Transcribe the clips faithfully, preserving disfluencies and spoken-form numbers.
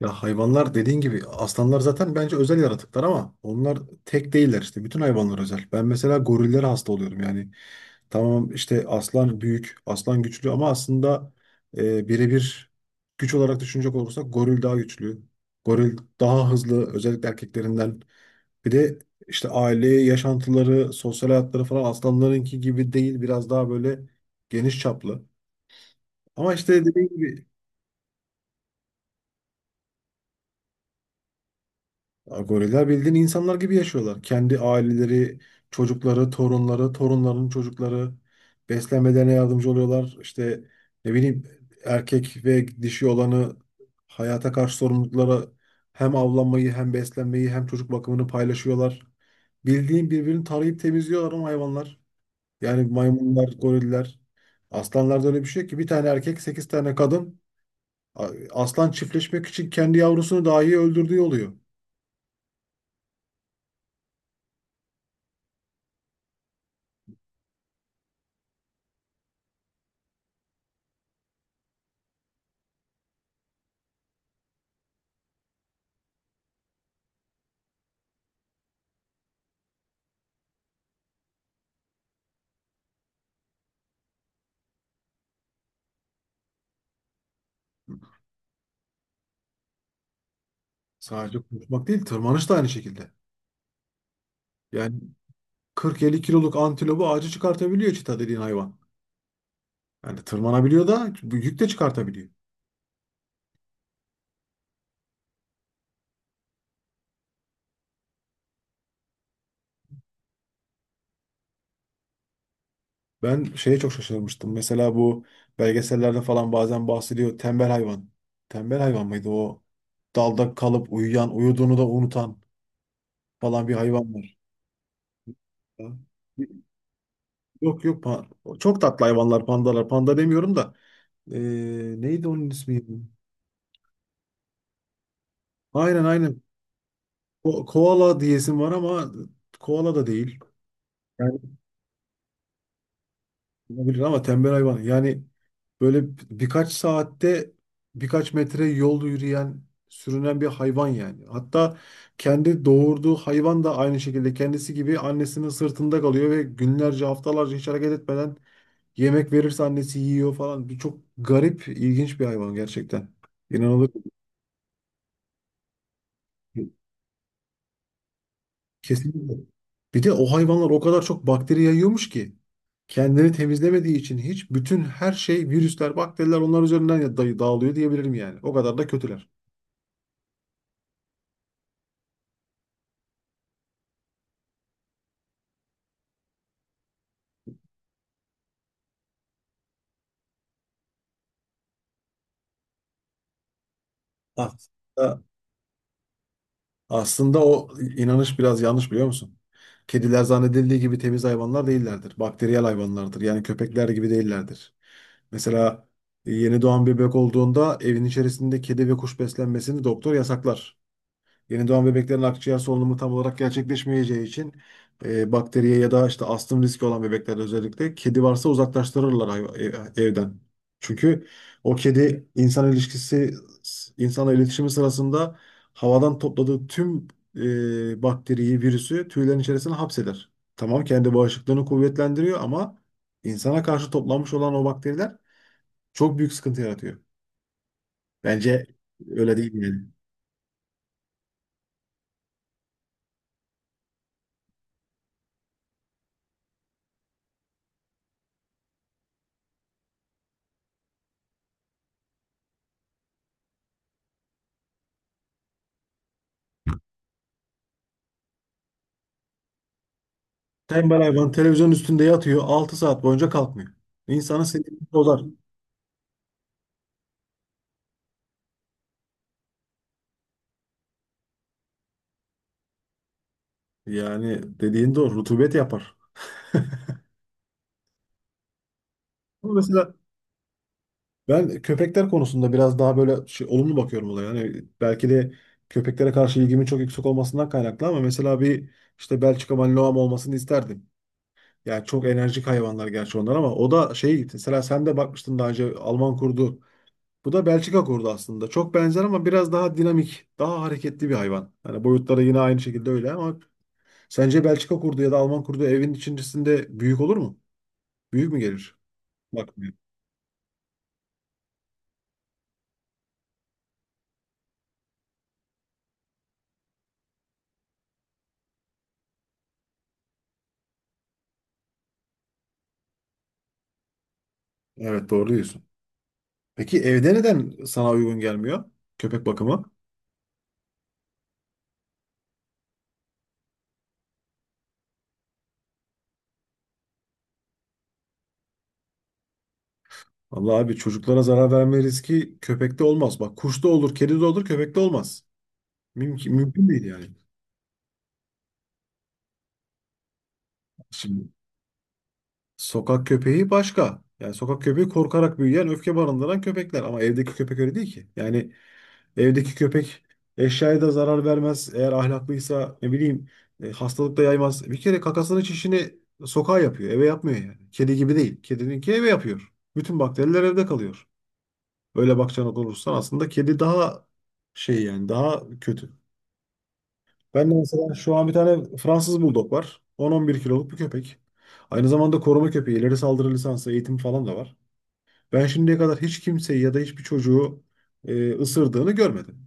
Ya hayvanlar dediğin gibi aslanlar zaten bence özel yaratıklar ama onlar tek değiller işte. Bütün hayvanlar özel. Ben mesela gorillere hasta oluyorum yani. Tamam işte aslan büyük, aslan güçlü ama aslında e, birebir güç olarak düşünecek olursak goril daha güçlü. Goril daha hızlı özellikle erkeklerinden. Bir de işte aile yaşantıları, sosyal hayatları falan aslanlarınki gibi değil. Biraz daha böyle geniş çaplı. Ama işte dediğim gibi ya goriller bildiğin insanlar gibi yaşıyorlar. Kendi aileleri, çocukları, torunları, torunların çocukları beslenmelerine yardımcı oluyorlar. İşte ne bileyim erkek ve dişi olanı hayata karşı sorumluluklara hem avlanmayı hem beslenmeyi hem çocuk bakımını paylaşıyorlar. Bildiğin birbirini tarayıp temizliyorlar ama hayvanlar. Yani maymunlar, goriller. Aslanlarda öyle bir şey yok ki, bir tane erkek, sekiz tane kadın. Aslan çiftleşmek için kendi yavrusunu dahi öldürdüğü oluyor. Sadece konuşmak değil, tırmanış da aynı şekilde. Yani kırk elli kiloluk antilopu ağacı çıkartabiliyor çita dediğin hayvan. Yani tırmanabiliyor da bu yük de çıkartabiliyor. Ben şeye çok şaşırmıştım. Mesela bu belgesellerde falan bazen bahsediyor. Tembel hayvan. Tembel hayvan mıydı o? Dalda kalıp uyuyan, uyuduğunu da unutan falan bir hayvan var. Ha? Yok yok. pa- Çok tatlı hayvanlar pandalar. Panda demiyorum da. Ee, neydi onun ismi? Aynen aynen. Ko koala diyesim var ama koala da değil. Olabilir ama tembel hayvan. Yani böyle birkaç saatte birkaç metre yol yürüyen, sürünen bir hayvan yani. Hatta kendi doğurduğu hayvan da aynı şekilde kendisi gibi annesinin sırtında kalıyor ve günlerce, haftalarca hiç hareket etmeden yemek verirse annesi yiyor falan. Bir çok garip, ilginç bir hayvan gerçekten. İnanılır. Kesinlikle. Bir de o hayvanlar o kadar çok bakteri yayıyormuş ki kendini temizlemediği için hiç bütün her şey virüsler, bakteriler onlar üzerinden ya- day- dağılıyor diyebilirim yani. O kadar da kötüler. Aslında, aslında o inanış biraz yanlış biliyor musun? Kediler zannedildiği gibi temiz hayvanlar değillerdir. Bakteriyel hayvanlardır. Yani köpekler gibi değillerdir. Mesela yeni doğan bebek olduğunda evin içerisinde kedi ve kuş beslenmesini doktor yasaklar. Yeni doğan bebeklerin akciğer solunumu tam olarak gerçekleşmeyeceği için e, bakteriye ya da işte astım riski olan bebeklerde özellikle kedi varsa uzaklaştırırlar hayva- ev- evden. Çünkü o kedi insan ilişkisi, insanla iletişimi sırasında havadan topladığı tüm e, bakteriyi, virüsü tüylerin içerisine hapseder. Tamam kendi bağışıklığını kuvvetlendiriyor ama insana karşı toplanmış olan o bakteriler çok büyük sıkıntı yaratıyor. Bence öyle değil yani. Tembel hayvan televizyon üstünde yatıyor altı saat boyunca kalkmıyor. İnsanı sinirleri bozar. Yani dediğin doğru, rutubet yapar. Ama mesela ben köpekler konusunda biraz daha böyle şey, olumlu bakıyorum olaya. Yani belki de köpeklere karşı ilgimin çok yüksek olmasından kaynaklı ama mesela bir işte Belçika Malinois'm olmasını isterdim. Yani çok enerjik hayvanlar gerçi onlar ama o da şey, mesela sen de bakmıştın daha önce Alman kurdu. Bu da Belçika kurdu aslında. Çok benzer ama biraz daha dinamik, daha hareketli bir hayvan. Yani boyutları yine aynı şekilde öyle ama sence Belçika kurdu ya da Alman kurdu evin içerisinde büyük olur mu? Büyük mü gelir? Bakmıyor. Evet, doğru diyorsun. Peki evde neden sana uygun gelmiyor? Köpek bakımı. Vallahi abi çocuklara zarar verme riski köpekte olmaz. Bak, kuşta olur, kedide olur, köpekte olmaz. Mümkün, mümkün değil yani. Şimdi sokak köpeği başka. Yani sokak köpeği korkarak büyüyen, öfke barındıran köpekler. Ama evdeki köpek öyle değil ki. Yani evdeki köpek eşyaya da zarar vermez. Eğer ahlaklıysa ne bileyim, e, hastalık da yaymaz. Bir kere kakasını, çişini sokağa yapıyor. Eve yapmıyor yani. Kedi gibi değil. Kedininki eve yapıyor. Bütün bakteriler evde kalıyor. Öyle bakacağına olursan aslında kedi daha şey, yani daha kötü. Ben de mesela şu an bir tane Fransız Bulldog var. on on bir kiloluk bir köpek. Aynı zamanda koruma köpeği. İleri saldırı lisansı, eğitim falan da var. Ben şimdiye kadar hiç kimseyi ya da hiçbir çocuğu e, ısırdığını görmedim.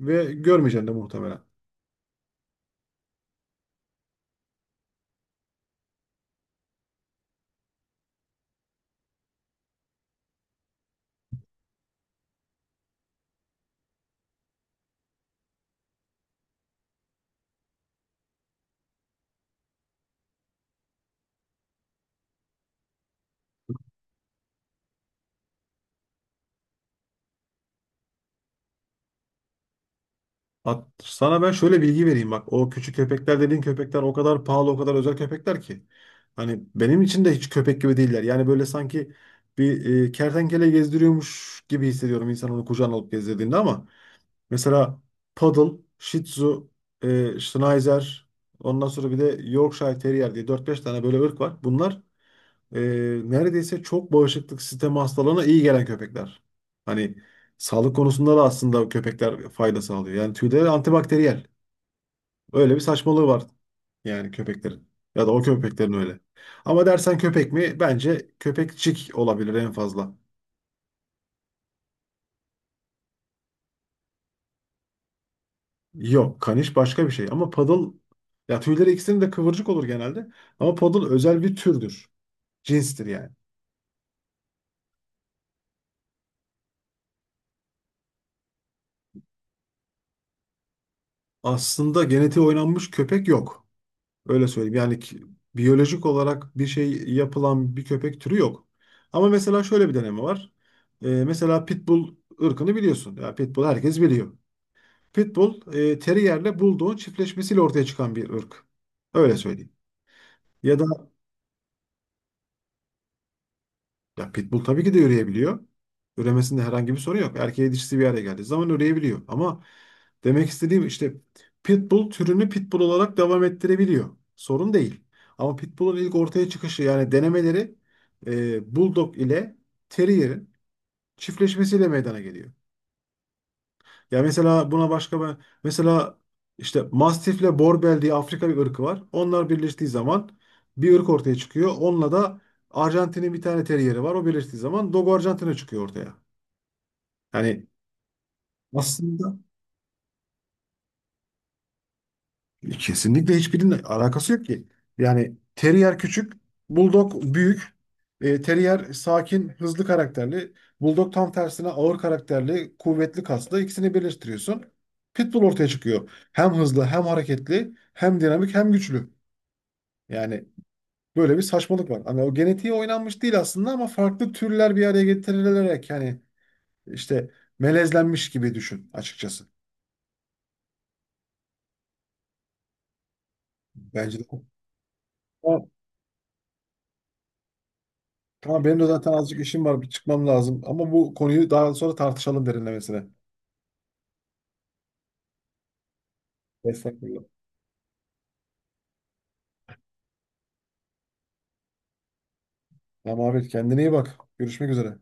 Ve görmeyeceğim de muhtemelen. At, sana ben şöyle bilgi vereyim bak. O küçük köpekler dediğin köpekler o kadar pahalı, o kadar özel köpekler ki. Hani benim için de hiç köpek gibi değiller. Yani böyle sanki bir e, kertenkele gezdiriyormuş gibi hissediyorum insan onu kucağına alıp gezdirdiğinde ama mesela Poodle, Shih Tzu, e, Schnauzer, ondan sonra bir de Yorkshire Terrier diye dört beş tane böyle ırk var. Bunlar e, neredeyse çok bağışıklık sistemi hastalığına iyi gelen köpekler. Hani sağlık konusunda da aslında köpekler fayda sağlıyor. Yani tüyleri antibakteriyel. Öyle bir saçmalığı var yani köpeklerin. Ya da o köpeklerin öyle. Ama dersen köpek mi? Bence köpekçik olabilir en fazla. Yok, kaniş başka bir şey. Ama poodle, ya tüyleri ikisinin de kıvırcık olur genelde. Ama poodle özel bir türdür. Cinstir yani. Aslında genetiği oynanmış köpek yok. Öyle söyleyeyim. Yani ki- biyolojik olarak bir şey yapılan bir köpek türü yok. Ama mesela şöyle bir deneme var. Ee, mesela Pitbull ırkını biliyorsun. Ya Pitbull herkes biliyor. Pitbull e, Terrier'le Bulldog'un çiftleşmesiyle ortaya çıkan bir ırk. Öyle söyleyeyim. Ya da ya pitbull tabii ki de üreyebiliyor. Üremesinde herhangi bir sorun yok. Erkeği dişisi bir araya geldiği zaman üreyebiliyor. Ama demek istediğim işte pitbull türünü pitbull olarak devam ettirebiliyor. Sorun değil. Ama pitbull'un ilk ortaya çıkışı yani denemeleri e, bulldog ile terrier'in çiftleşmesiyle meydana geliyor. Ya mesela buna başka ben mesela işte Mastifle Borbel diye Afrika bir ırkı var. Onlar birleştiği zaman bir ırk ortaya çıkıyor. Onunla da Arjantin'in bir tane teriyeri var. O birleştiği zaman Dogo Arjantin'e çıkıyor ortaya. Yani aslında kesinlikle hiçbirinin alakası yok ki. Yani Terrier küçük, Bulldog büyük. E, Terrier sakin, hızlı karakterli. Bulldog tam tersine ağır karakterli, kuvvetli kaslı. İkisini birleştiriyorsun. Pitbull ortaya çıkıyor. Hem hızlı, hem hareketli, hem dinamik, hem güçlü. Yani böyle bir saçmalık var. Hani o genetiği oynanmış değil aslında ama farklı türler bir araya getirilerek yani işte melezlenmiş gibi düşün açıkçası. Bence de. Tamam benim de zaten azıcık işim var. Bir çıkmam lazım. Ama bu konuyu daha sonra tartışalım derinlemesine. Destek. Tamam abi kendine iyi bak. Görüşmek üzere.